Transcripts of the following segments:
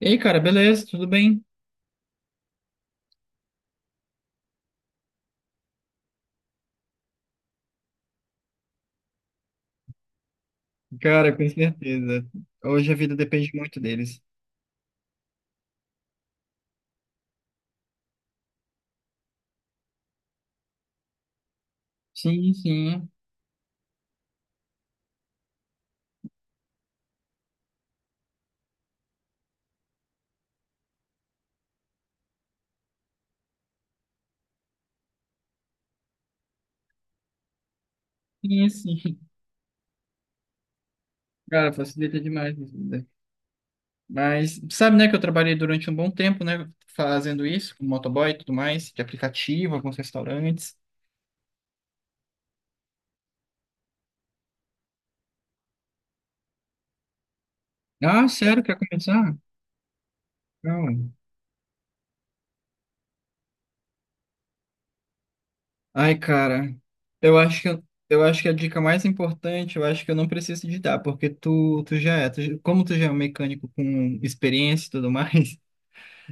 E aí, cara, beleza? Tudo bem? Cara, com certeza. Hoje a vida depende muito deles. Sim, sim. Sim, sim. Cara, facilita demais a vida. Mas sabe, né, que eu trabalhei durante um bom tempo, né, fazendo isso, com motoboy e tudo mais, de aplicativo, alguns restaurantes. Ah, sério? Quer começar? Não. Ai, cara, eu acho que eu, eu acho que a dica mais importante, eu acho que eu não preciso te dar, porque tu já é, tu, já- como tu já é um mecânico com experiência e tudo mais,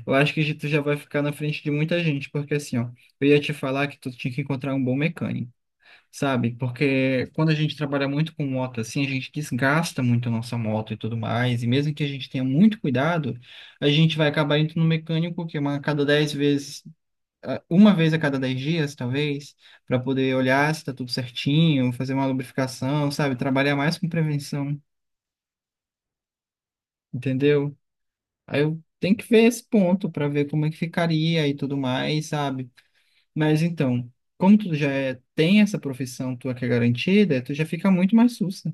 eu acho que tu já vai ficar na frente de muita gente, porque assim, ó, eu ia te falar que tu tinha que encontrar um bom mecânico, sabe? Porque quando a gente trabalha muito com moto, assim, a gente desgasta muito a nossa moto e tudo mais, e mesmo que a gente tenha muito cuidado, a gente vai acabar indo no mecânico que é uma a cada 10 vezes, ah, uma vez a cada 10 dias, talvez, para poder olhar se tá tudo certinho, fazer uma lubrificação, sabe? Trabalhar mais com prevenção, entendeu? Aí eu tenho que ver esse ponto para ver como é que ficaria e tudo mais, sabe? Mas então, como tu já é- tem essa profissão tua que é garantida, tu já fica muito mais sussa.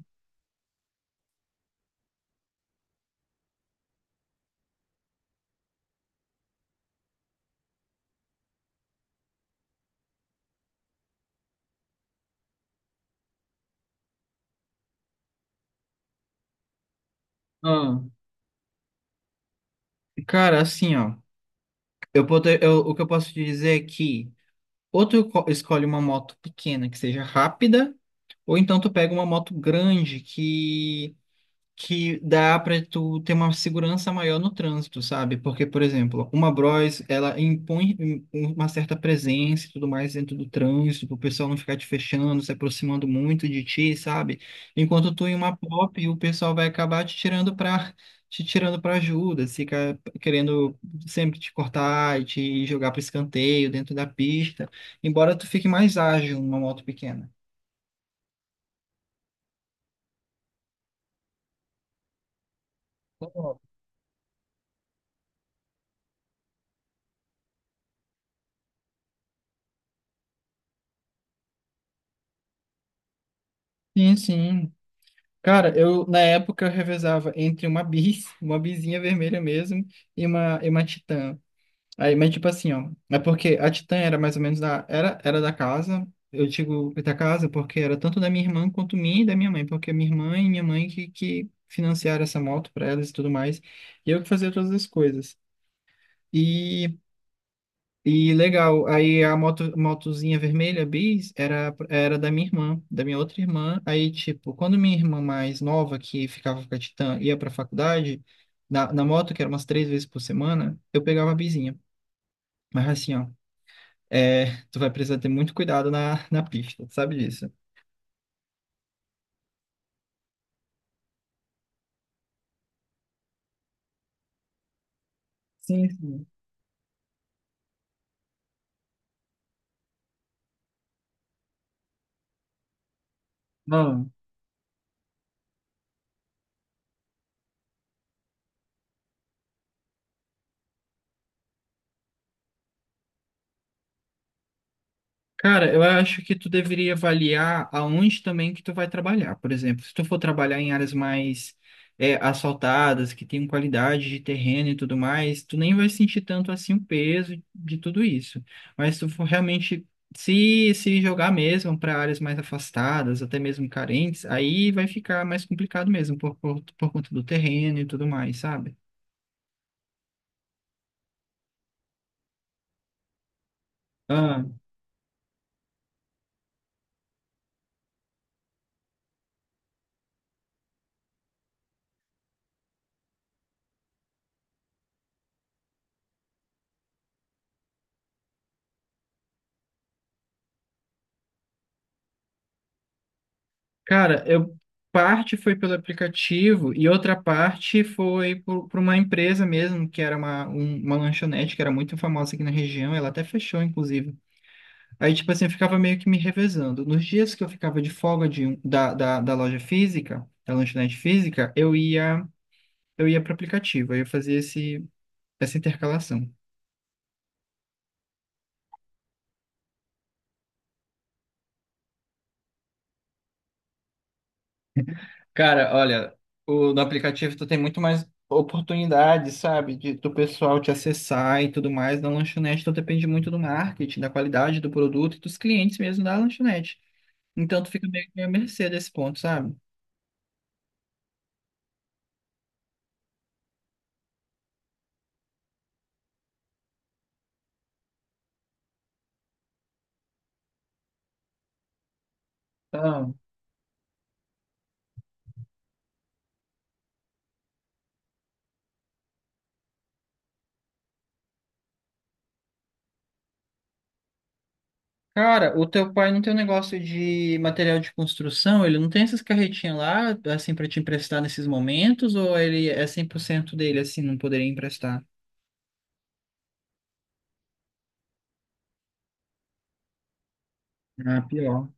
Ah, cara, assim, ó, eu, poder, eu- o que eu posso te dizer é que ou tu co- escolhe uma moto pequena que seja rápida, ou então tu pega uma moto grande que dá para tu ter uma segurança maior no trânsito, sabe? Porque, por exemplo, uma Bros, ela impõe um- um, uma certa presença e tudo mais dentro do trânsito, para o pessoal não ficar te fechando, se aproximando muito de ti, sabe? Enquanto tu em uma pop, o pessoal vai acabar te tirando para ajuda, fica querendo sempre te cortar e te jogar para escanteio dentro da pista, embora tu fique mais ágil numa moto pequena. Sim, sim. cara, eu na época eu revezava entre uma bis, uma bisinha vermelha mesmo, e uma titã. Aí, mas tipo assim, ó, é porque a titã era mais ou menos da, era, era da casa, eu digo da casa porque era tanto da minha irmã quanto minha e da minha mãe, porque minha irmã e minha mãe que financiaram essa moto pra elas e tudo mais, e eu que fazia todas as coisas. E e legal, aí a moto, motozinha vermelha, bis, era, era da minha irmã, da minha outra irmã. Aí, tipo, quando minha irmã mais nova, que ficava com a Titã, ia pra faculdade, na moto, que era umas 3 vezes por semana, eu pegava a bisinha. Mas assim, ó, é, tu vai precisar ter muito cuidado na pista, sabe disso? Sim, sim. Não, cara, eu acho que tu deveria avaliar aonde também que tu vai trabalhar. Por exemplo, se tu for trabalhar em áreas mais é, asfaltadas, que tem qualidade de terreno e tudo mais, tu nem vai sentir tanto assim o peso de tudo isso. Mas se tu for realmente se jogar mesmo para áreas mais afastadas, até mesmo carentes, aí vai ficar mais complicado mesmo por conta do terreno e tudo mais, sabe? Cara, eu parte foi pelo aplicativo e outra parte foi por uma empresa mesmo, que era uma, um- uma lanchonete que era muito famosa aqui na região, ela até fechou, inclusive. Aí, tipo assim, eu ficava meio que me revezando. Nos dias que eu ficava de folga de, um- da, da loja física, da lanchonete física, eu ia para o aplicativo, aí eu fazia esse, essa intercalação. Cara, olha, o, no aplicativo tu tem muito mais oportunidades, sabe? De, do pessoal te acessar e tudo mais. Na lanchonete tu depende muito do marketing, da qualidade do produto e dos clientes mesmo da lanchonete. Então tu fica meio que à mercê desse ponto, sabe? Então, cara, o teu pai não tem um negócio de material de construção? Ele não tem essas carretinhas lá, assim, pra te emprestar nesses momentos? Ou ele é 100% dele, assim, não poderia emprestar? Ah, pior.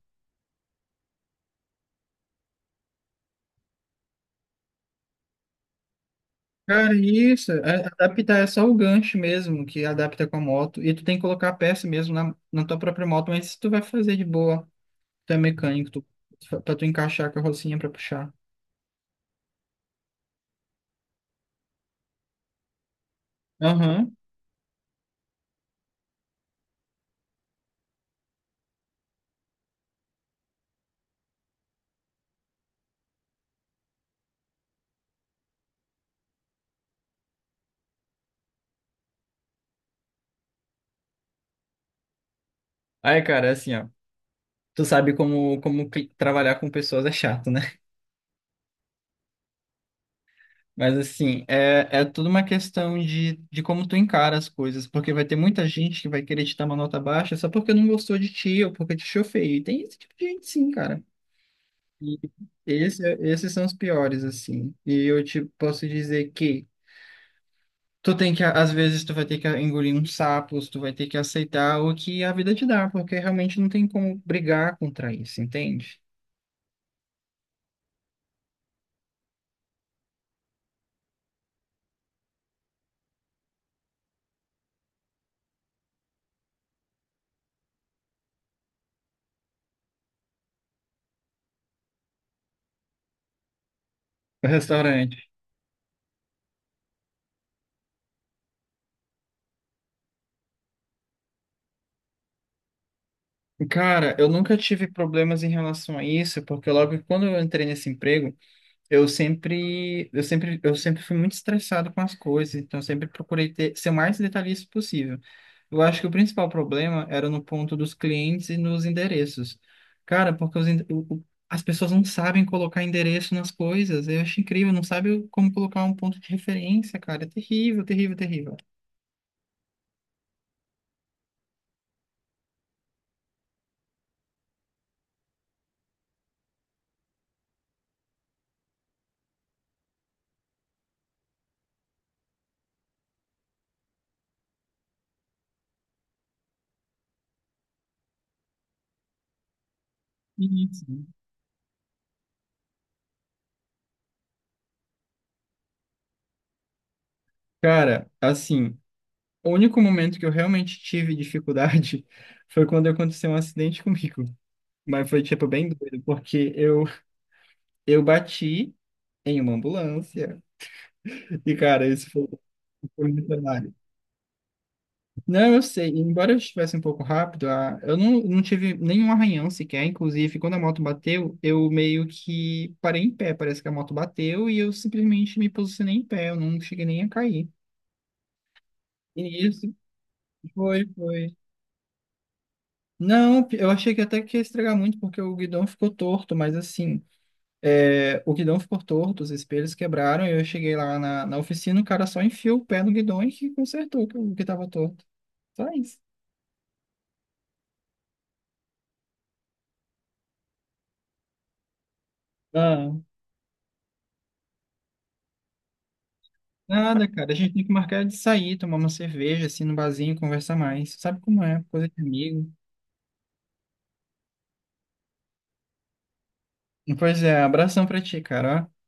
Cara, isso, é- adaptar é só o gancho mesmo que adapta com a moto. E tu tem que colocar a peça mesmo na, na tua própria moto, mas se tu vai fazer de boa, tu é mecânico, tu, pra tu encaixar a carrocinha pra puxar. Aham. Aí, cara, é assim, ó. Tu sabe como, como cli- trabalhar com pessoas é chato, né? Mas assim, é, é tudo uma questão de como tu encara as coisas, porque vai ter muita gente que vai querer te dar uma nota baixa só porque não gostou de ti ou porque te achou feio. E tem esse tipo de gente sim, cara. E esse, esses são os piores, assim. E eu te posso dizer que tu tem que, às vezes, tu vai ter que engolir uns sapos, tu vai ter que aceitar o que a vida te dá, porque realmente não tem como brigar contra isso, entende? O restaurante. Cara, eu nunca tive problemas em relação a isso, porque logo quando eu entrei nesse emprego, Eu sempre fui muito estressado com as coisas, então eu sempre procurei ter, ser o mais detalhista possível. Eu acho que o principal problema era no ponto dos clientes e nos endereços. Cara, porque os, ende- o- as pessoas não sabem colocar endereço nas coisas. Eu acho incrível, não sabe o- como colocar um ponto de referência, cara. É terrível, terrível, terrível. Isso. Cara, assim, o único momento que eu realmente tive dificuldade foi quando aconteceu um acidente comigo. Mas foi, tipo, bem doido, porque eu bati em uma ambulância. E, cara, isso foi muito trabalho. Não, eu sei. Embora eu estivesse um pouco rápido, a- eu não, não tive nenhum arranhão sequer. Inclusive, quando a moto bateu, eu meio que parei em pé. Parece que a moto bateu e eu simplesmente me posicionei em pé. Eu não cheguei nem a cair. E isso foi. Não, eu achei que até que ia estragar muito porque o guidão ficou torto, mas assim. É, o guidão ficou torto, os espelhos quebraram, e eu cheguei lá na oficina, o cara só enfiou o pé no guidão e que consertou o que estava torto. Só isso. Ah, nada, cara. A gente tem que marcar de sair, tomar uma cerveja, assim, no barzinho, conversar mais. Sabe como é? Coisa de amigo. Pois é, abração pra ti, cara. Ó.